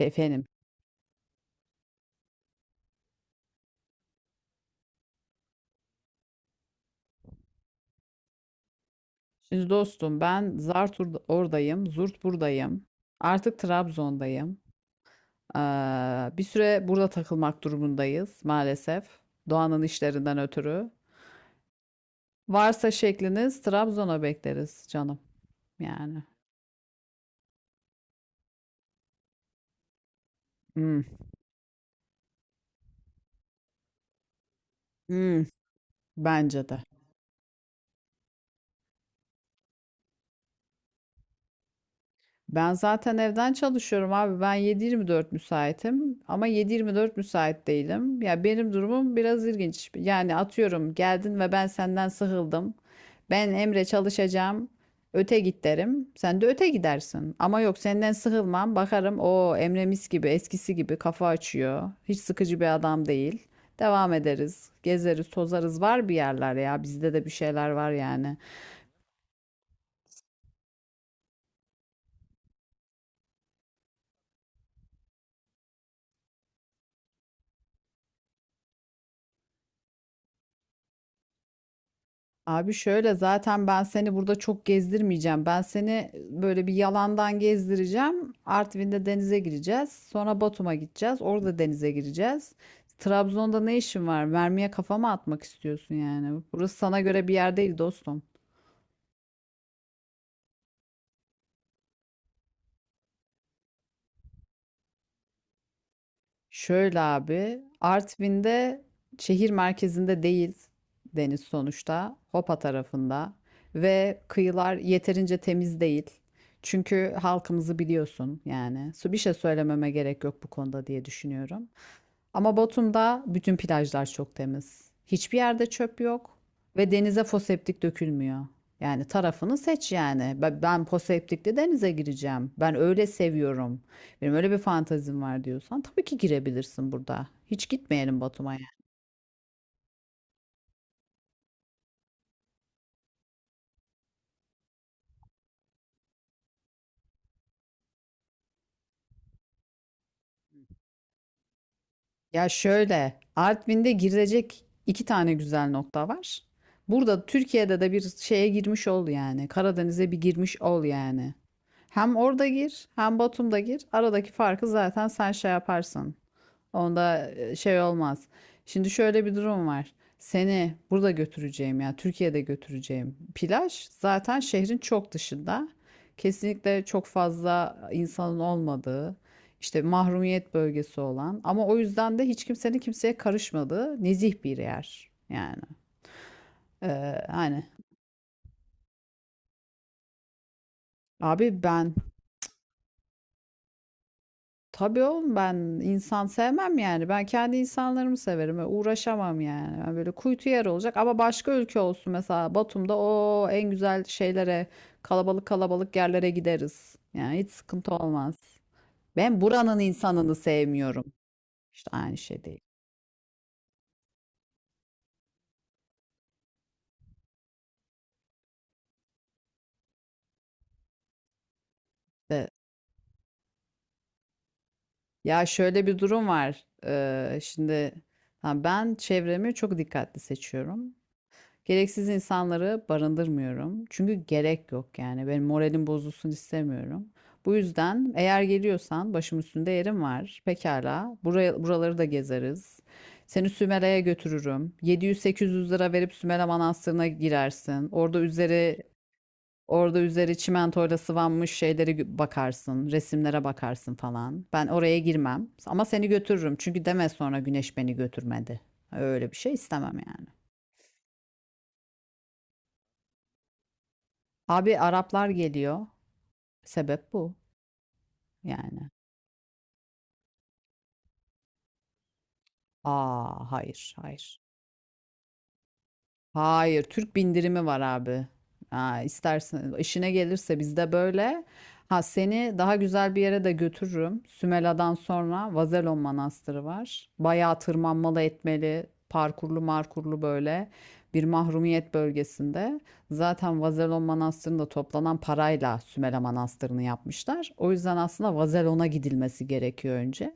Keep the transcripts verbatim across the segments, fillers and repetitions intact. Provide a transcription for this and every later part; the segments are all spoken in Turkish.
E, Efendim. Şimdi dostum ben zart orda- oradayım, zurt buradayım. Artık Trabzon'dayım. Ee, bir süre burada takılmak durumundayız maalesef. Doğanın işlerinden ötürü. Varsa şekliniz Trabzon'a bekleriz canım. Yani. Hmm. Hmm. Bence de. Ben zaten evden çalışıyorum abi. Ben yedi yirmi dört müsaitim ama yedi yirmi dört müsait değilim. Ya benim durumum biraz ilginç. Yani atıyorum geldin ve ben senden sıkıldım. Ben Emre çalışacağım. Öte git derim. Sen de öte gidersin. Ama yok senden sıkılmam. Bakarım, o Emre mis gibi eskisi gibi kafa açıyor. Hiç sıkıcı bir adam değil. Devam ederiz. Gezeriz, tozarız. Var bir yerler ya. Bizde de bir şeyler var yani. Abi şöyle, zaten ben seni burada çok gezdirmeyeceğim. Ben seni e, böyle bir yalandan gezdireceğim. Artvin'de denize gireceğiz. Sonra Batum'a gideceğiz. Orada denize gireceğiz. Trabzon'da ne işin var? Mermiye kafama atmak istiyorsun yani. Burası sana göre bir yer değil dostum. Şöyle abi, Artvin'de şehir merkezinde değil deniz sonuçta, Hopa tarafında, ve kıyılar yeterince temiz değil. Çünkü halkımızı biliyorsun yani. Su bir şey söylememe gerek yok bu konuda diye düşünüyorum. Ama Batum'da bütün plajlar çok temiz. Hiçbir yerde çöp yok ve denize foseptik dökülmüyor. Yani tarafını seç yani. Ben, ben foseptikle denize gireceğim. Ben öyle seviyorum. Benim öyle bir fantazim var diyorsan tabii ki girebilirsin burada. Hiç gitmeyelim Batum'a. Ya şöyle, Artvin'de girilecek iki tane güzel nokta var. Burada Türkiye'de de bir şeye girmiş ol yani. Karadeniz'e bir girmiş ol yani. Hem orada gir, hem Batum'da gir. Aradaki farkı zaten sen şey yaparsın. Onda e, şey olmaz. Şimdi şöyle bir durum var. Seni burada götüreceğim ya, Türkiye'de götüreceğim. Plaj zaten şehrin çok dışında. Kesinlikle çok fazla insanın olmadığı, işte mahrumiyet bölgesi olan, ama o yüzden de hiç kimsenin kimseye karışmadığı nezih bir yer. Yani. Ee, hani abi ben. Tabii oğlum, ben insan sevmem yani. Ben kendi insanlarımı severim. Öyle uğraşamam yani. Ben böyle kuytu yer olacak ama başka ülke olsun, mesela Batum'da o en güzel şeylere, kalabalık kalabalık yerlere gideriz. Yani hiç sıkıntı olmaz. Ben buranın insanını sevmiyorum. İşte aynı şey değil. De- Ya şöyle bir durum var. Ee, şimdi ha, ben çevremi çok dikkatli seçiyorum. Gereksiz insanları barındırmıyorum. Çünkü gerek yok yani. Benim moralim bozulsun istemiyorum. Bu yüzden eğer geliyorsan başım üstünde yerim var. Pekala. Buraya, buraları da gezeriz. Seni Sümele'ye götürürüm. yedi yüz sekiz yüz lira verip Sümele Manastırı'na girersin. Orada üzeri orada üzeri çimentoyla sıvanmış şeyleri bakarsın, resimlere bakarsın falan. Ben oraya girmem ama seni götürürüm. Çünkü deme sonra Güneş beni götürmedi. Öyle bir şey istemem yani. Abi Araplar geliyor. Sebep bu yani. A, hayır, hayır. Hayır, Türk bindirimi var abi. Aa, istersen, işine gelirse bizde böyle. Ha, seni daha güzel bir yere de götürürüm. Sümela'dan sonra Vazelon Manastırı var. Bayağı tırmanmalı etmeli, parkurlu markurlu, böyle bir mahrumiyet bölgesinde. Zaten Vazelon Manastırı'nda toplanan parayla Sümela Manastırı'nı yapmışlar. O yüzden aslında Vazelon'a gidilmesi gerekiyor önce.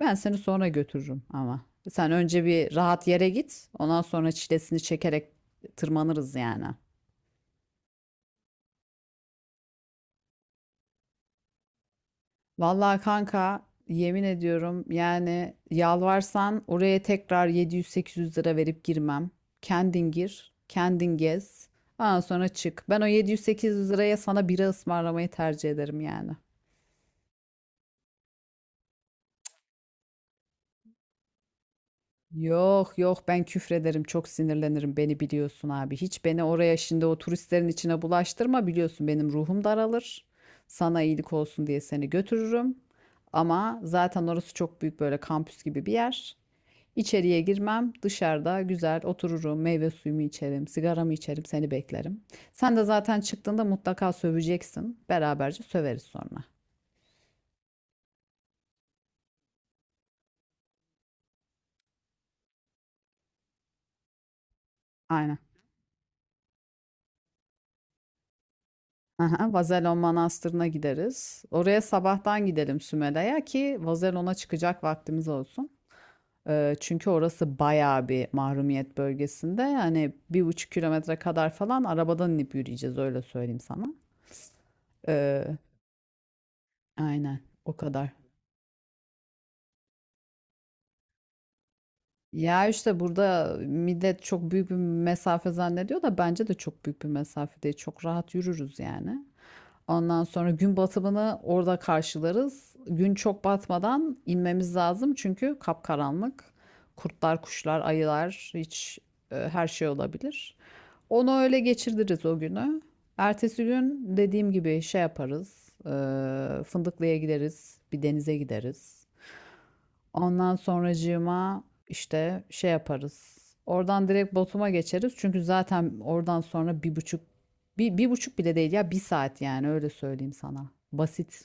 Ben seni sonra götürürüm ama. Sen önce bir rahat yere git. Ondan sonra çilesini çekerek tırmanırız yani. Vallahi kanka, yemin ediyorum yani, yalvarsan oraya tekrar yedi yüz sekiz yüz lira verip girmem. Kendin gir, kendin gez. Ondan sonra çık. Ben o yedi yüz sekiz yüz liraya sana bira ısmarlamayı tercih ederim yani. Yok yok, ben küfrederim, çok sinirlenirim, beni biliyorsun abi. Hiç beni oraya şimdi o turistlerin içine bulaştırma, biliyorsun benim ruhum daralır. Sana iyilik olsun diye seni götürürüm. Ama zaten orası çok büyük, böyle kampüs gibi bir yer. İçeriye girmem, dışarıda güzel otururum, meyve suyumu içerim, sigaramı içerim, seni beklerim. Sen de zaten çıktığında mutlaka söveceksin. Beraberce söveriz sonra. Aynen. Aha, Vazelon Manastırı'na gideriz. Oraya sabahtan gidelim Sümele'ye, ki Vazelon'a çıkacak vaktimiz olsun. Ee, çünkü orası bayağı bir mahrumiyet bölgesinde. Yani bir buçuk kilometre kadar falan arabadan inip yürüyeceğiz, öyle söyleyeyim sana. Ee, aynen, o kadar. Ya işte burada millet çok büyük bir mesafe zannediyor da, bence de çok büyük bir mesafe değil. Çok rahat yürürüz yani. Ondan sonra gün batımını orada karşılarız. Gün çok batmadan inmemiz lazım, çünkü kapkaranlık. Kurtlar, kuşlar, ayılar, hiç e, her şey olabilir. Onu öyle geçiririz o günü. Ertesi gün dediğim gibi şey yaparız. e, Fındıklı'ya gideriz, bir denize gideriz. Ondan sonracığıma işte şey yaparız. Oradan direkt Batum'a geçeriz. Çünkü zaten oradan sonra bir buçuk, bir, bir buçuk bile değil ya, bir saat yani, öyle söyleyeyim sana. Basit.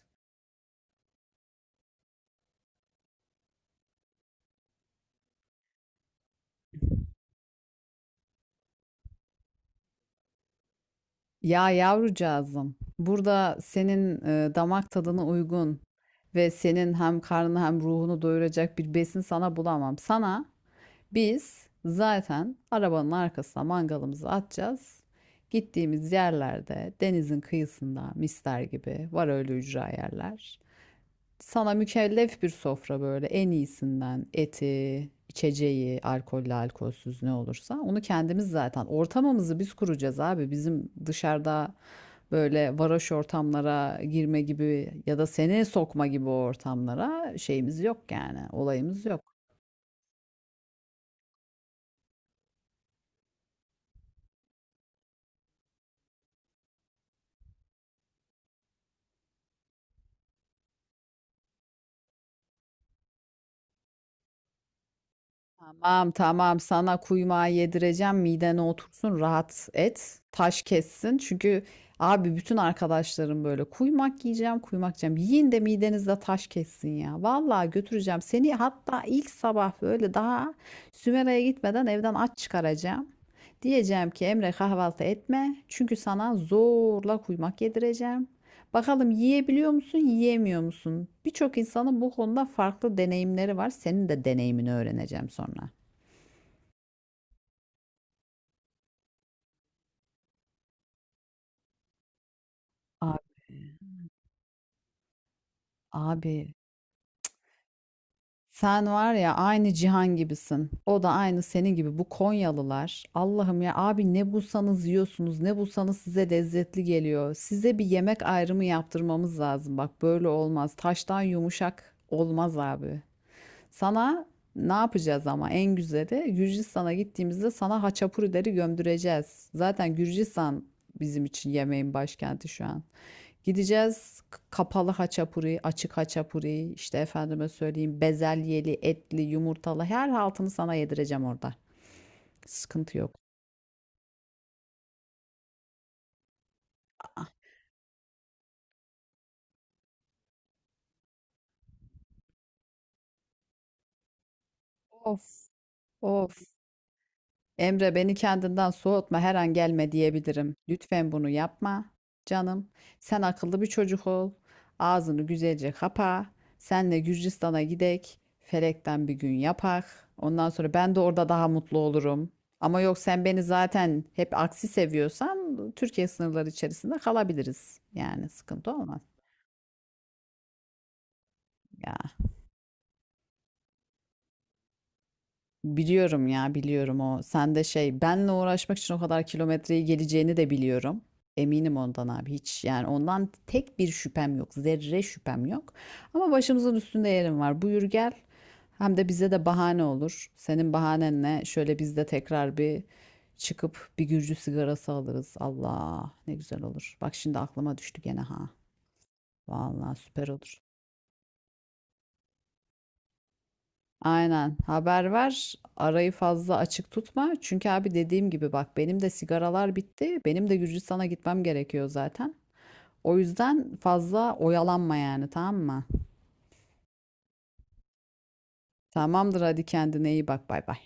Ya yavrucağızım, burada senin e, damak tadına uygun ve senin hem karnını hem ruhunu doyuracak bir besin sana bulamam. Sana. Biz zaten arabanın arkasına mangalımızı atacağız. Gittiğimiz yerlerde denizin kıyısında mister gibi var öyle ücra yerler. Sana mükellef bir sofra, böyle en iyisinden eti, içeceği, alkollü, alkolsüz ne olursa onu kendimiz, zaten ortamımızı biz kuracağız abi. Bizim dışarıda böyle varoş ortamlara girme gibi ya da seni sokma gibi ortamlara şeyimiz yok yani, olayımız yok. Tamam tamam, sana kuymağı yedireceğim, midene otursun, rahat et, taş kessin. Çünkü abi bütün arkadaşlarım böyle kuymak yiyeceğim kuymak yiyeceğim. Yiyin de midenizde taş kessin ya, vallahi götüreceğim seni. Hatta ilk sabah böyle, daha Sümera'ya gitmeden evden aç çıkaracağım, diyeceğim ki Emre kahvaltı etme, çünkü sana zorla kuymak yedireceğim. Bakalım yiyebiliyor musun, yiyemiyor musun? Birçok insanın bu konuda farklı deneyimleri var. Senin de deneyimini öğreneceğim sonra. Abi, abi sen var ya aynı Cihan gibisin. O da aynı senin gibi. Bu Konyalılar. Allah'ım ya abi, ne bulsanız yiyorsunuz, ne bulsanız size lezzetli geliyor. Size bir yemek ayrımı yaptırmamız lazım. Bak, böyle olmaz. Taştan yumuşak olmaz abi. Sana ne yapacağız, ama en güzeli Gürcistan'a gittiğimizde sana haçapurileri gömdüreceğiz. Zaten Gürcistan bizim için yemeğin başkenti şu an. Gideceğiz kapalı haçapuri, açık haçapuri, işte efendime söyleyeyim bezelyeli, etli, yumurtalı, her haltını sana yedireceğim orada. Sıkıntı yok. Of, of. Emre, beni kendinden soğutma, her an gelme diyebilirim. Lütfen bunu yapma canım. Sen akıllı bir çocuk ol. Ağzını güzelce kapa. Senle Gürcistan'a gidek. Felekten bir gün yapak. Ondan sonra ben de orada daha mutlu olurum. Ama yok, sen beni zaten hep aksi seviyorsan Türkiye sınırları içerisinde kalabiliriz. Yani sıkıntı olmaz. Ya. Biliyorum ya, biliyorum o. Sen de şey, benle uğraşmak için o kadar kilometreyi geleceğini de biliyorum. Eminim ondan abi, hiç yani ondan tek bir şüphem yok. Zerre şüphem yok. Ama başımızın üstünde yerim var. Buyur gel. Hem de bize de bahane olur. Senin bahanenle şöyle biz de tekrar bir çıkıp bir Gürcü sigarası alırız. Allah ne güzel olur. Bak şimdi aklıma düştü gene, ha. Vallahi süper olur. Aynen. Haber ver. Arayı fazla açık tutma. Çünkü abi dediğim gibi bak, benim de sigaralar bitti. Benim de Gürcistan'a gitmem gerekiyor zaten. O yüzden fazla oyalanma yani, tamam mı? Tamamdır, hadi, kendine iyi bak, bay bay.